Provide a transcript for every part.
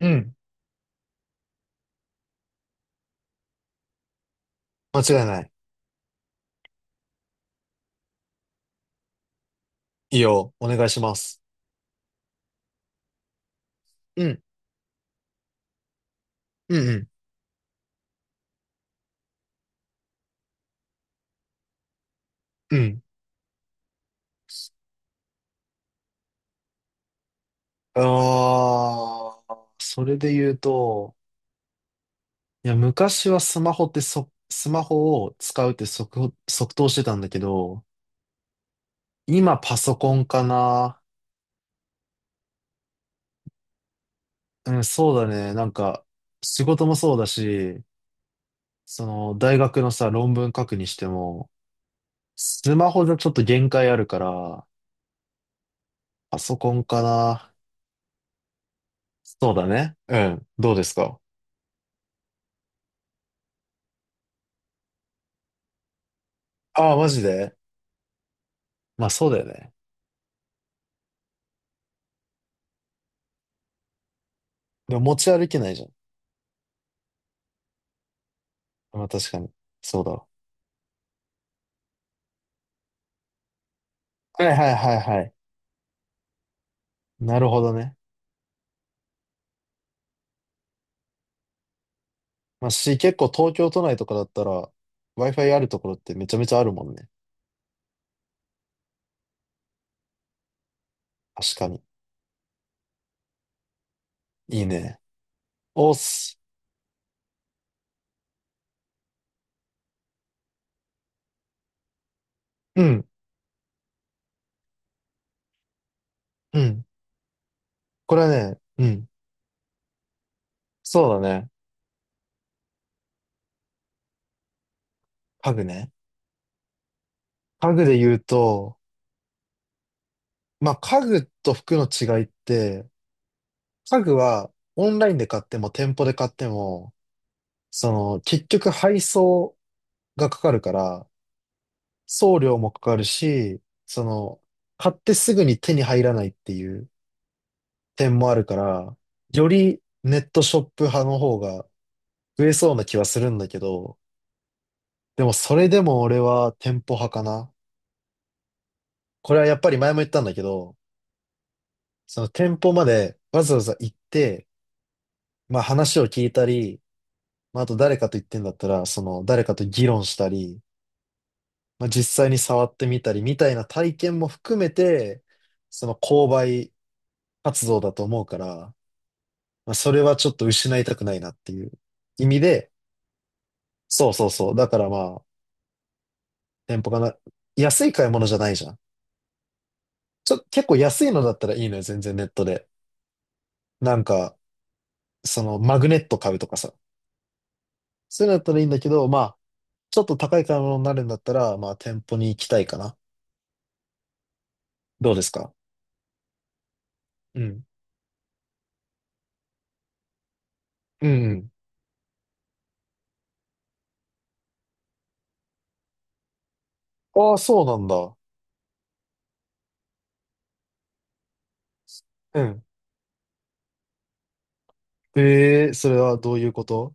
うん。間違いない。いいよ。お願いします。うん。うん、うん、うん。ああ、それで言うと、いや、昔はスマホってスマホを使うって即答してたんだけど、今パソコンかな。うん、そうだね。なんか、仕事もそうだし、その、大学のさ、論文書くにしても、スマホじゃちょっと限界あるから、パソコンかな。そうだね。うん。どうですか？ああー、マジで？まあそうだよね。でも持ち歩けないじゃん。まあ確かに。そうだわ。はいはいはいはい。なるほどね。まあし、結構東京都内とかだったら Wi-Fi あるところってめちゃめちゃあるもんね。確かに。いいね。おっす。うん。うん。これはね、うん。そうだね。家具ね。家具で言うと、まあ家具と服の違いって、家具はオンラインで買っても店舗で買っても、その結局配送がかかるから、送料もかかるし、その、買ってすぐに手に入らないっていう点もあるから、よりネットショップ派の方が増えそうな気はするんだけど、でもそれでも俺は店舗派かな。これはやっぱり前も言ったんだけど、その店舗までわざわざ行って、まあ話を聞いたり、まああと誰かと言ってんだったら、その誰かと議論したり、まあ実際に触ってみたりみたいな体験も含めて、その購買活動だと思うから、まあ、それはちょっと失いたくないなっていう意味で、そうそうそう。だからまあ、店舗かな。安い買い物じゃないじゃん。結構安いのだったらいいのよ、全然ネットで。なんか、そのマグネット買うとかさ。そういうのだったらいいんだけど、まあ、ちょっと高い買い物になるんだったら、まあ、店舗に行きたいかな。どうですか？うん。うん。ああ、そうなんだ。うん。ええ、それはどういうこと？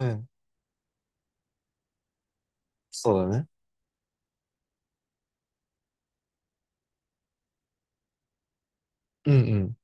うん。そうだね。うんうん。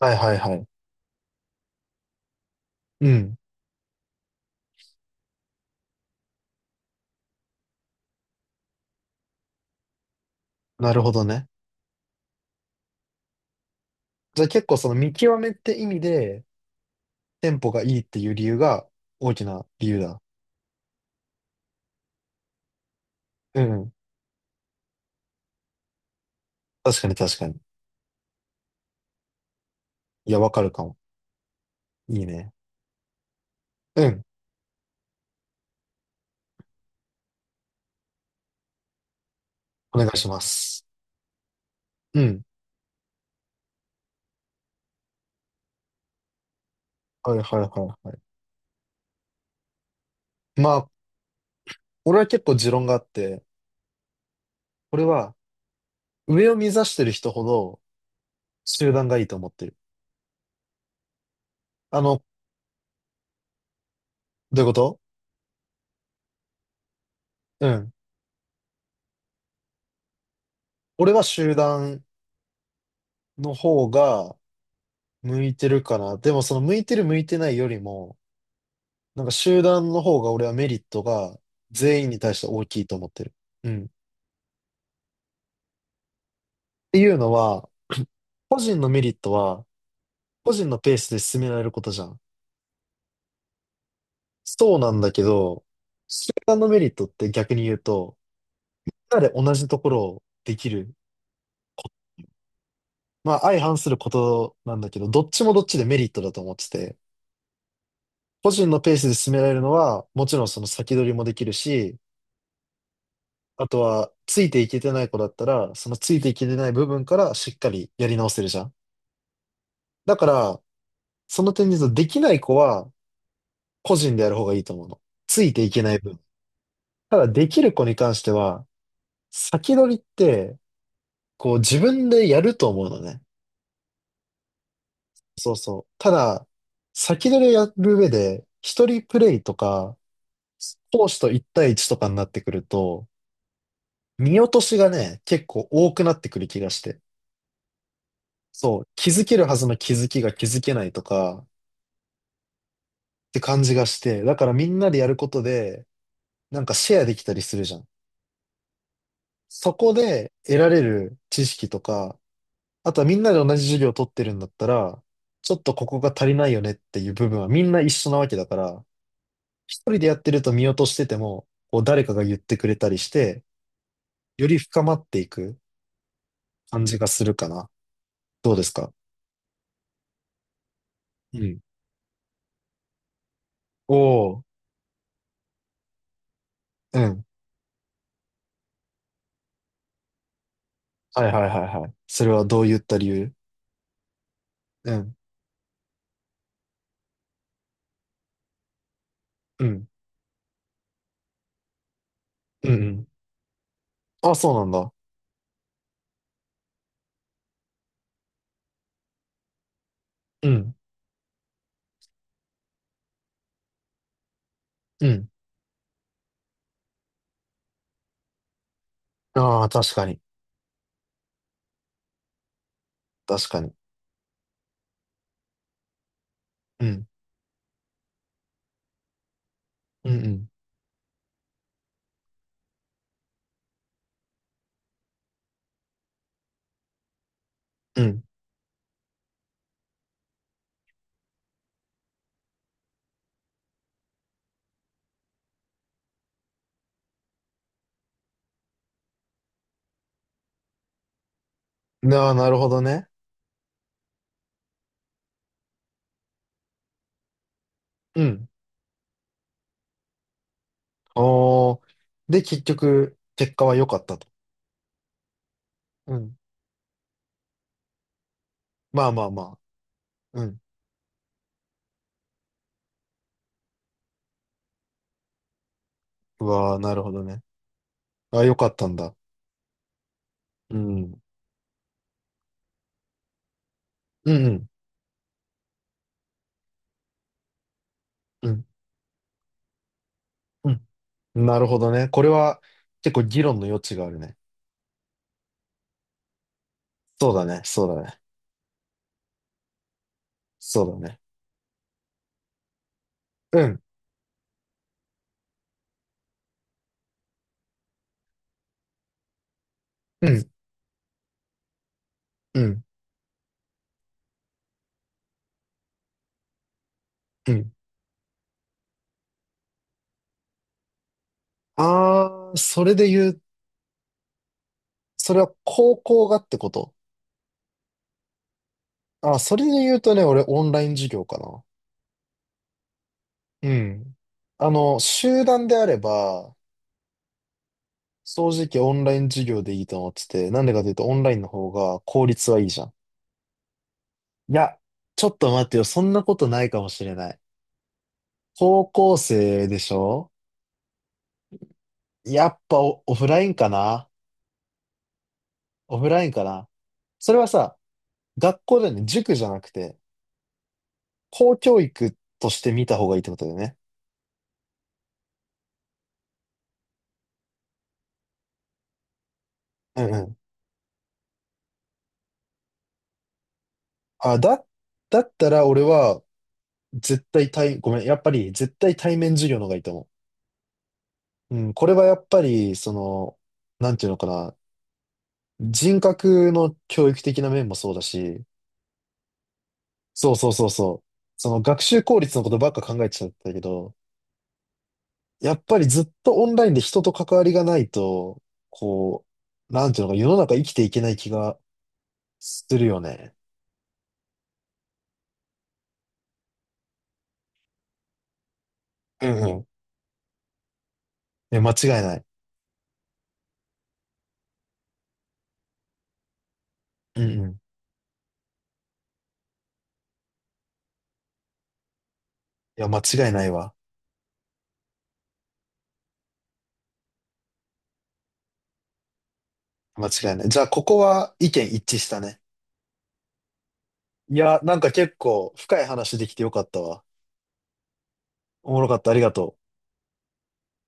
はいはいはい。うん。なるほどね。じゃあ結構その見極めって意味で、テンポがいいっていう理由が大きな理由だ。うんうん。確かに確かに。いや、わかるかも。いいね。うん。お願いします。うん。はいはいはいはい。まあ、俺は結構持論があって、これは上を目指してる人ほど集団がいいと思ってる。あの、どういうこと？うん。俺は集団の方が向いてるかな。でもその向いてる向いてないよりも、なんか集団の方が俺はメリットが全員に対して大きいと思ってる。うん。っていうのは、個人のメリットは、個人のペースで進められることじゃん。そうなんだけど、他のメリットって逆に言うと、みんなで同じところをできる。まあ相反することなんだけど、どっちもどっちでメリットだと思ってて、個人のペースで進められるのは、もちろんその先取りもできるし、あとは、ついていけてない子だったら、そのついていけてない部分からしっかりやり直せるじゃん。だから、その点で言うと、できない子は、個人でやる方がいいと思うの。ついていけない分。ただ、できる子に関しては、先取りって、こう自分でやると思うのね。そうそう。ただ、先取りをやる上で、一人プレイとか、講師と一対一とかになってくると、見落としがね、結構多くなってくる気がして。そう、気づけるはずの気づきが気づけないとか、って感じがして、だからみんなでやることで、なんかシェアできたりするじゃん。そこで得られる知識とか、あとはみんなで同じ授業を取ってるんだったら、ちょっとここが足りないよねっていう部分はみんな一緒なわけだから、一人でやってると見落としてても、こう誰かが言ってくれたりして、より深まっていく感じがするかな。どうですか？うん。おお、うん。はいはいはいはい。それはどういった理由？うん、うん、うん、うん。あ、そうなんだ。うん、うん。ああ、確かに。確かに。うん、うん、うん、うん。ああ、なるほどね。うん。おー。で、結局、結果は良かったと。うん。まあまあまあ。うん。うわー、なるほどね。あ、良かったんだ。うん。うんうん。うん。うん。なるほどね。これは結構議論の余地があるね。そうだね。そうだね。そうだね。うん。うん。うん。うん。あー、それで言う、それは高校がってこと？あ、それで言うとね、俺オンライン授業かな。うん。あの、集団であれば、正直オンライン授業でいいと思ってて、なんでかというとオンラインの方が効率はいいじゃん。いや、ちょっと待ってよ、そんなことないかもしれない。高校生でしょ？やっぱオフラインかな。オフラインかな。それはさ、学校だよね、塾じゃなくて、公教育として見た方がいいってことだよね。うんうん。あ、だったら俺は絶対対、ごめん、やっぱり絶対対面授業の方がいいと思う。うん、これはやっぱり、その、なんていうのかな。人格の教育的な面もそうだし、そうそうそうそう。その学習効率のことばっか考えちゃったけど、やっぱりずっとオンラインで人と関わりがないと、こう、なんていうのか、世の中生きていけない気がするよね。うんうん。いや、間違いない。うんうん。いや、間違いないわ。間違いない。じゃあ、ここは意見一致したね。いや、なんか結構深い話できてよかったわ。おもろかった。ありがとう。